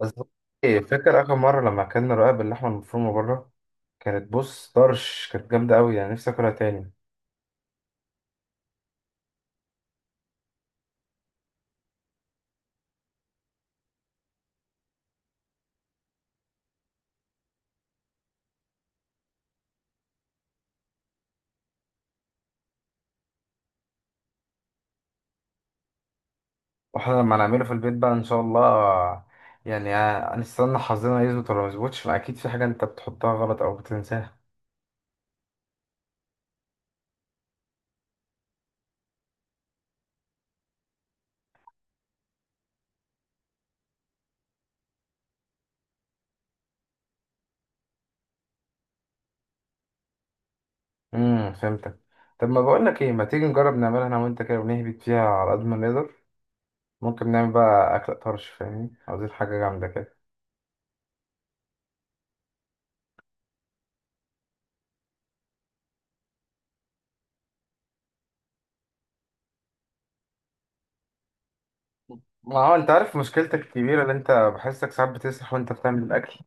بس إيه، فاكر آخر مرة لما أكلنا رقاق باللحمة المفرومة بره؟ كانت بص طرش كانت جامدة أوي، يعني نفسي أكلها تاني. وإحنا لما نعمله في البيت بقى إن شاء الله، يعني هنستنى حظنا يظبط ولا ما يظبطش؟ ما أكيد في حاجة أنت بتحطها غلط أو بتنساها. فهمتك. طب ما بقولك إيه، ما تيجي نجرب نعملها أنا وأنت كده ونهبط فيها على قد ما نقدر؟ ممكن نعمل بقى أكلة طرش، فاهمني؟ عاوزين حاجة جامدة كده. ما هو أنت عارف مشكلتك الكبيرة اللي أنت بحسك ساعات بتسرح وأنت بتعمل الأكل.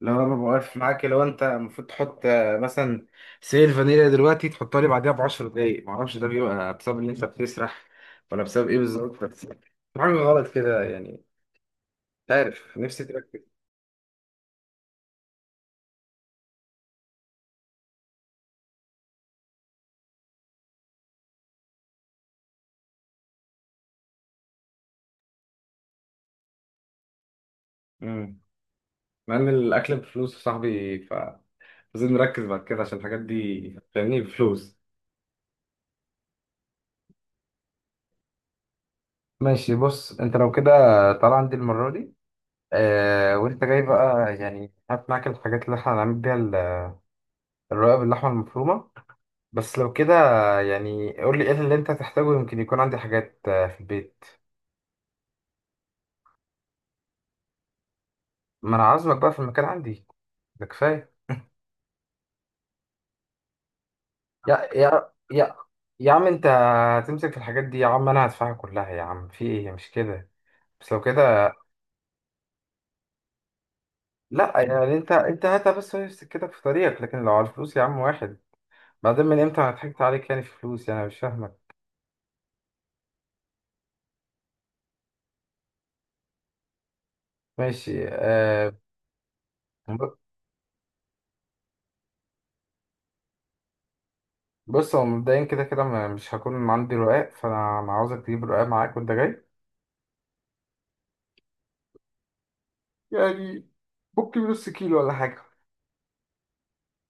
لو انا ببقى واقف معاك، لو انت المفروض تحط مثلا سيل فانيليا دلوقتي تحطها لي بعديها ب 10 دقايق، معرفش ده بيبقى بسبب ان انت بتسرح ولا بسبب ايه بالظبط. بس في حاجه غلط كده يعني، مش عارف، نفسي تركز. امم مع ان الاكل بفلوس يا صاحبي، ف لازم نركز بعد كده عشان الحاجات دي فاهمني، بفلوس. ماشي، بص انت لو كده طالع عندي المرة دي، وانت جاي بقى يعني هات معاك الحاجات اللي احنا هنعمل بيها الرقاب باللحمة المفرومة. بس لو كده، يعني قول لي ايه اللي انت هتحتاجه، يمكن يكون عندي حاجات في البيت. ما انا عازمك بقى في المكان عندي، ده كفايه. يا يا عم انت، هتمسك في الحاجات دي يا عم؟ انا هدفعها كلها يا عم، في ايه مش كده؟ بس لو كده. لا يعني انت هاتها بس نفسك كده في طريقك، لكن لو على الفلوس يا عم واحد، بعدين من امتى انا ضحكت عليك يعني في فلوس؟ يعني أنا مش فاهمك. ماشي. ب- بص، هو مبدئيا كده كده مش هكون عندي رقاق، فانا عاوزك تجيب رقاق معاك وانت جاي. يعني ممكن نص كيلو ولا حاجة،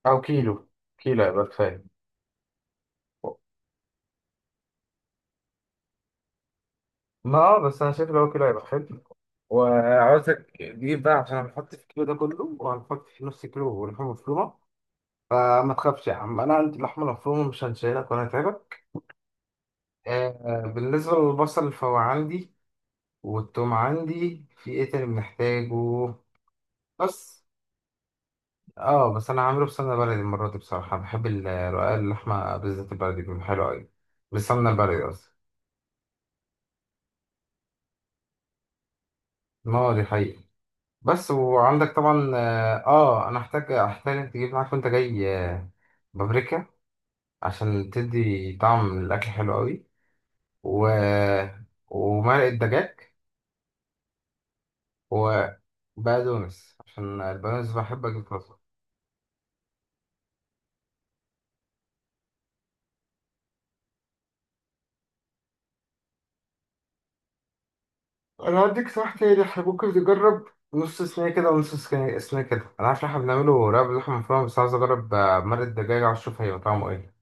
او كيلو. كيلو هيبقى كفايه. ما بس انا شايف لو هو كيلو هيبقى حلو، وعاوزك تجيب بقى عشان هنحط في الكيلو ده كله، وهنحط في نص كيلو لحمه مفرومه. فما تخافش يا عم، انا عندي اللحمه المفرومه، مش هنشيلك ولا هتعبك. آه، بالنسبه للبصل فهو عندي، والثوم عندي. في ايه تاني بنحتاجه؟ بس اه بس انا عامله بسمنه بلدي المره دي، بصراحه بحب رقاق اللحمه بالذات البلدي بيبقى حلو قوي. بالسمنه البلدي قصدي. اه دي حقيقة. بس وعندك طبعا اه، انا احتاج تجيب معاك وانت جاي بابريكا، عشان تدي طعم الاكل حلو قوي. و... ومرقة دجاج، وبقدونس، عشان البقدونس بحب اجيب طازة. انا هديك صح، تاني احنا ممكن نجرب نص صينية كده ونص صينية كده. انا عارف ان احنا بنعمله رقاب لحمة مفرومة، بس عايز اجرب مرقة دجاج عشان اشوف هيبقى طعمه ايه.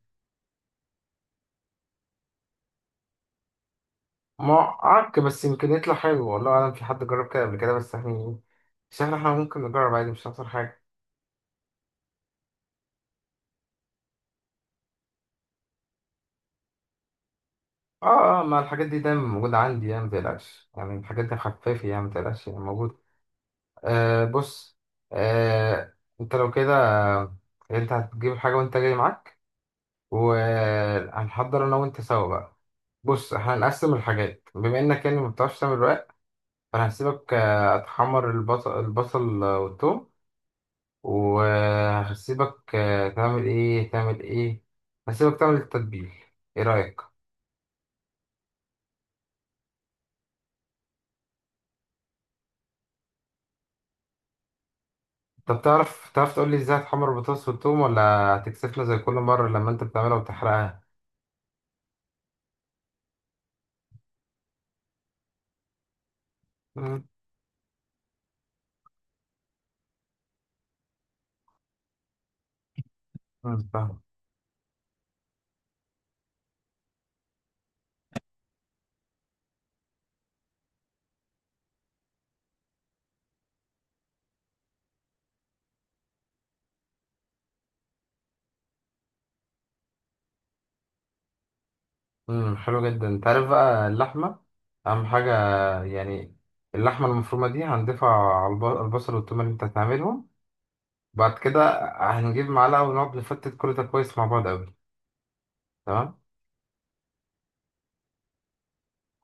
معك، بس يمكن يطلع حلو والله أعلم، في حد جرب كده قبل كده؟ بس احنا يعني، بس احنا ممكن نجرب عادي، مش هيحصل حاجة. اه اه، ما الحاجات دي دايما موجودة عندي يعني، متقلقش، يعني الحاجات دي خفافي يعني، متقلقش يعني، موجودة. آه بص آه انت لو كده آه، انت هتجيب الحاجة وانت جاي معاك، وهنحضر انا وانت سوا بقى. بص احنا هنقسم الحاجات، بما انك يعني ما بتعرفش تعمل رقاق، فانا هسيبك اتحمر البصل والثوم. وهسيبك تعمل ايه. هسيبك تعمل التتبيل، ايه رأيك؟ طب تعرف تقول لي ازاي هتحمر البطاطس والثوم، ولا هتكسفنا زي كل مرة لما انت بتعملها وتحرقها؟ امم أمم، فاهم. حلو جدا. انت عارف بقى اللحمة اهم حاجة، يعني اللحمة المفرومة دي هنضيفها على البصل والثوم اللي انت هتعملهم، بعد كده هنجيب معلقة ونقعد نفتت كل ده كويس مع بعض قوي. تمام.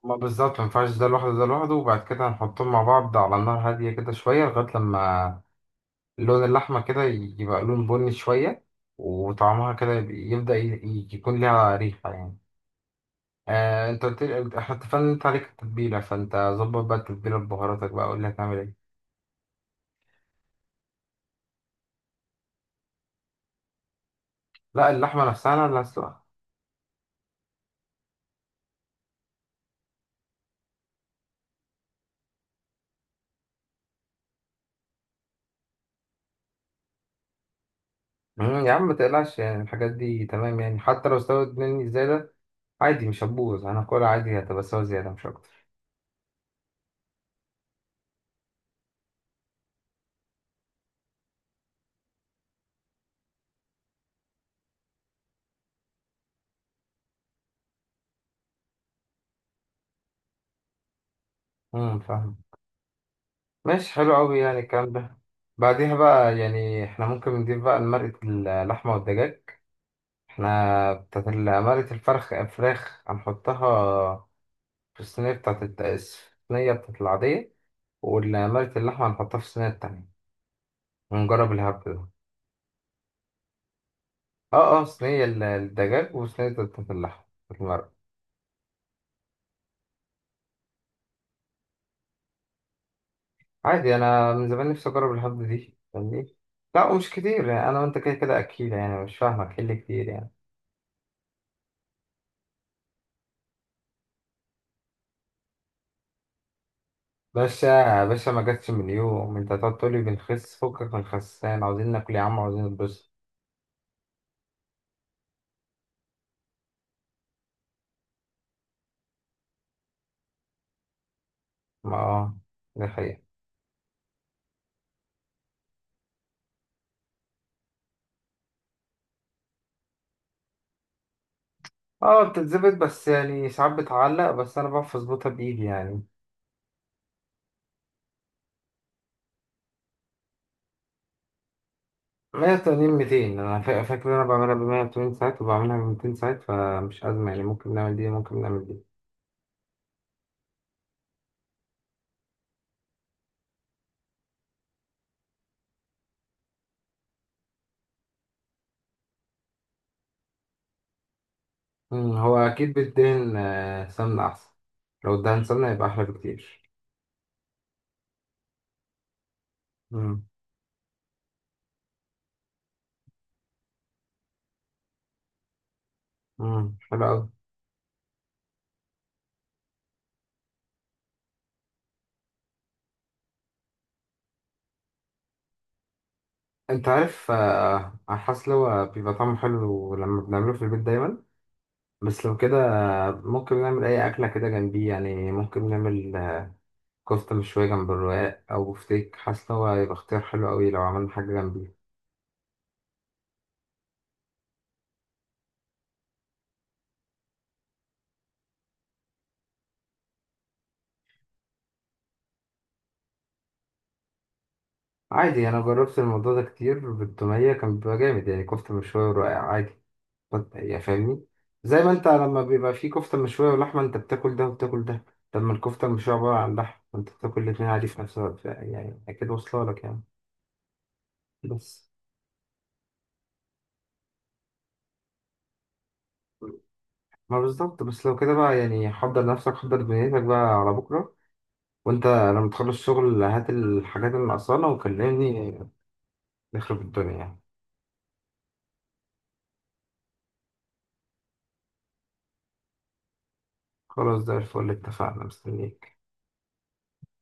ما بالظبط، ما ينفعش ده لوحده ده لوحده، وبعد كده هنحطهم مع بعض على نار هادية كده شوية، لغاية لما لون اللحمة كده يبقى لون بني شوية، وطعمها كده يكون ليها ريحة يعني. آه، انت قلت لي احنا اتفقنا ان انت عليك التتبيلة، فانت ظبط بقى التتبيلة ببهاراتك بقى، قول لي هتعمل ايه. لا، اللحمة نفسها انا اللي هسلقها. يا عم ما تقلقش يعني، الحاجات دي تمام يعني، حتى لو استوت مني زيادة عادي مش هتبوظ، هناكلها عادي، هتبقى سوا زيادة مش أكتر. فاهم. ماشي، حلو قوي يعني الكلام ده. بعديها بقى يعني احنا ممكن نضيف بقى لمرقة اللحمة والدجاج، احنا بتاعت مرقة الفرخ الفراخ هنحطها في الصينية بتاعت الصينية بتاعت العادية، ومرقة اللحمة هنحطها في الصينية التانية، ونجرب الهبد ده. اه اه، صينية الدجاج وصينية بتاعت اللحمة بتاعت المرقة. عادي، أنا من زمان نفسي أجرب الهبد دي فاهمني؟ لا ومش كتير يعني، أنا وأنت كده كده أكيد يعني، مش فاهمك إيه اللي كتير يعني. باشا باشا، ما جاتش من يوم انت هتقعد تقولي بنخس، فكك من الخسان، عاوزين ناكل يا عم، عاوزين نتبسط. ما اه، ده حقيقة. اه بتتظبط، بس يعني ساعات بتعلق، بس انا بعرف اظبطها بايدي يعني. 180 200، انا فاكر ان انا بعملها ب 180 ساعات وبعملها ب 200 ساعات، فمش ازمة يعني، ممكن نعمل دي ممكن نعمل دي. هو اكيد بتدهن سمنة احسن. لو ادهن سمنة يبقى احلى بكتير. مم، حلو اوي. انت عارف على الحاسة اللي هو بيبقى طعمه حلو لما بنعمله في البيت دايما. بس لو كده، ممكن نعمل أي أكلة كده جنبيه، يعني ممكن نعمل كفتة مشوية جنب الرقاق أو بفتيك، حاسس إن هو هيبقى اختيار حلو أوي لو عملنا حاجة جنبيه. عادي، أنا جربت الموضوع ده كتير بالتومية كان بيبقى جامد، يعني كفتة مشوية ورقاق عادي. يعني فاهمني، زي ما أنت لما بيبقى فيه كفتة مشوية ولحمة أنت بتاكل ده وبتاكل ده، طب ما الكفتة المشوية عبارة عن لحم وأنت بتاكل الاتنين عادي في نفس الوقت، يعني أكيد واصلة لك يعني. بس ما بالظبط، بس لو كده بقى يعني حضر نفسك، حضر دنيتك بقى على بكرة، وانت لما تخلص شغل هات الحاجات اللي ناقصانا وكلمني، نخرب الدنيا يعني. خلاص، زي الفل، اتفقنا، مستنيك.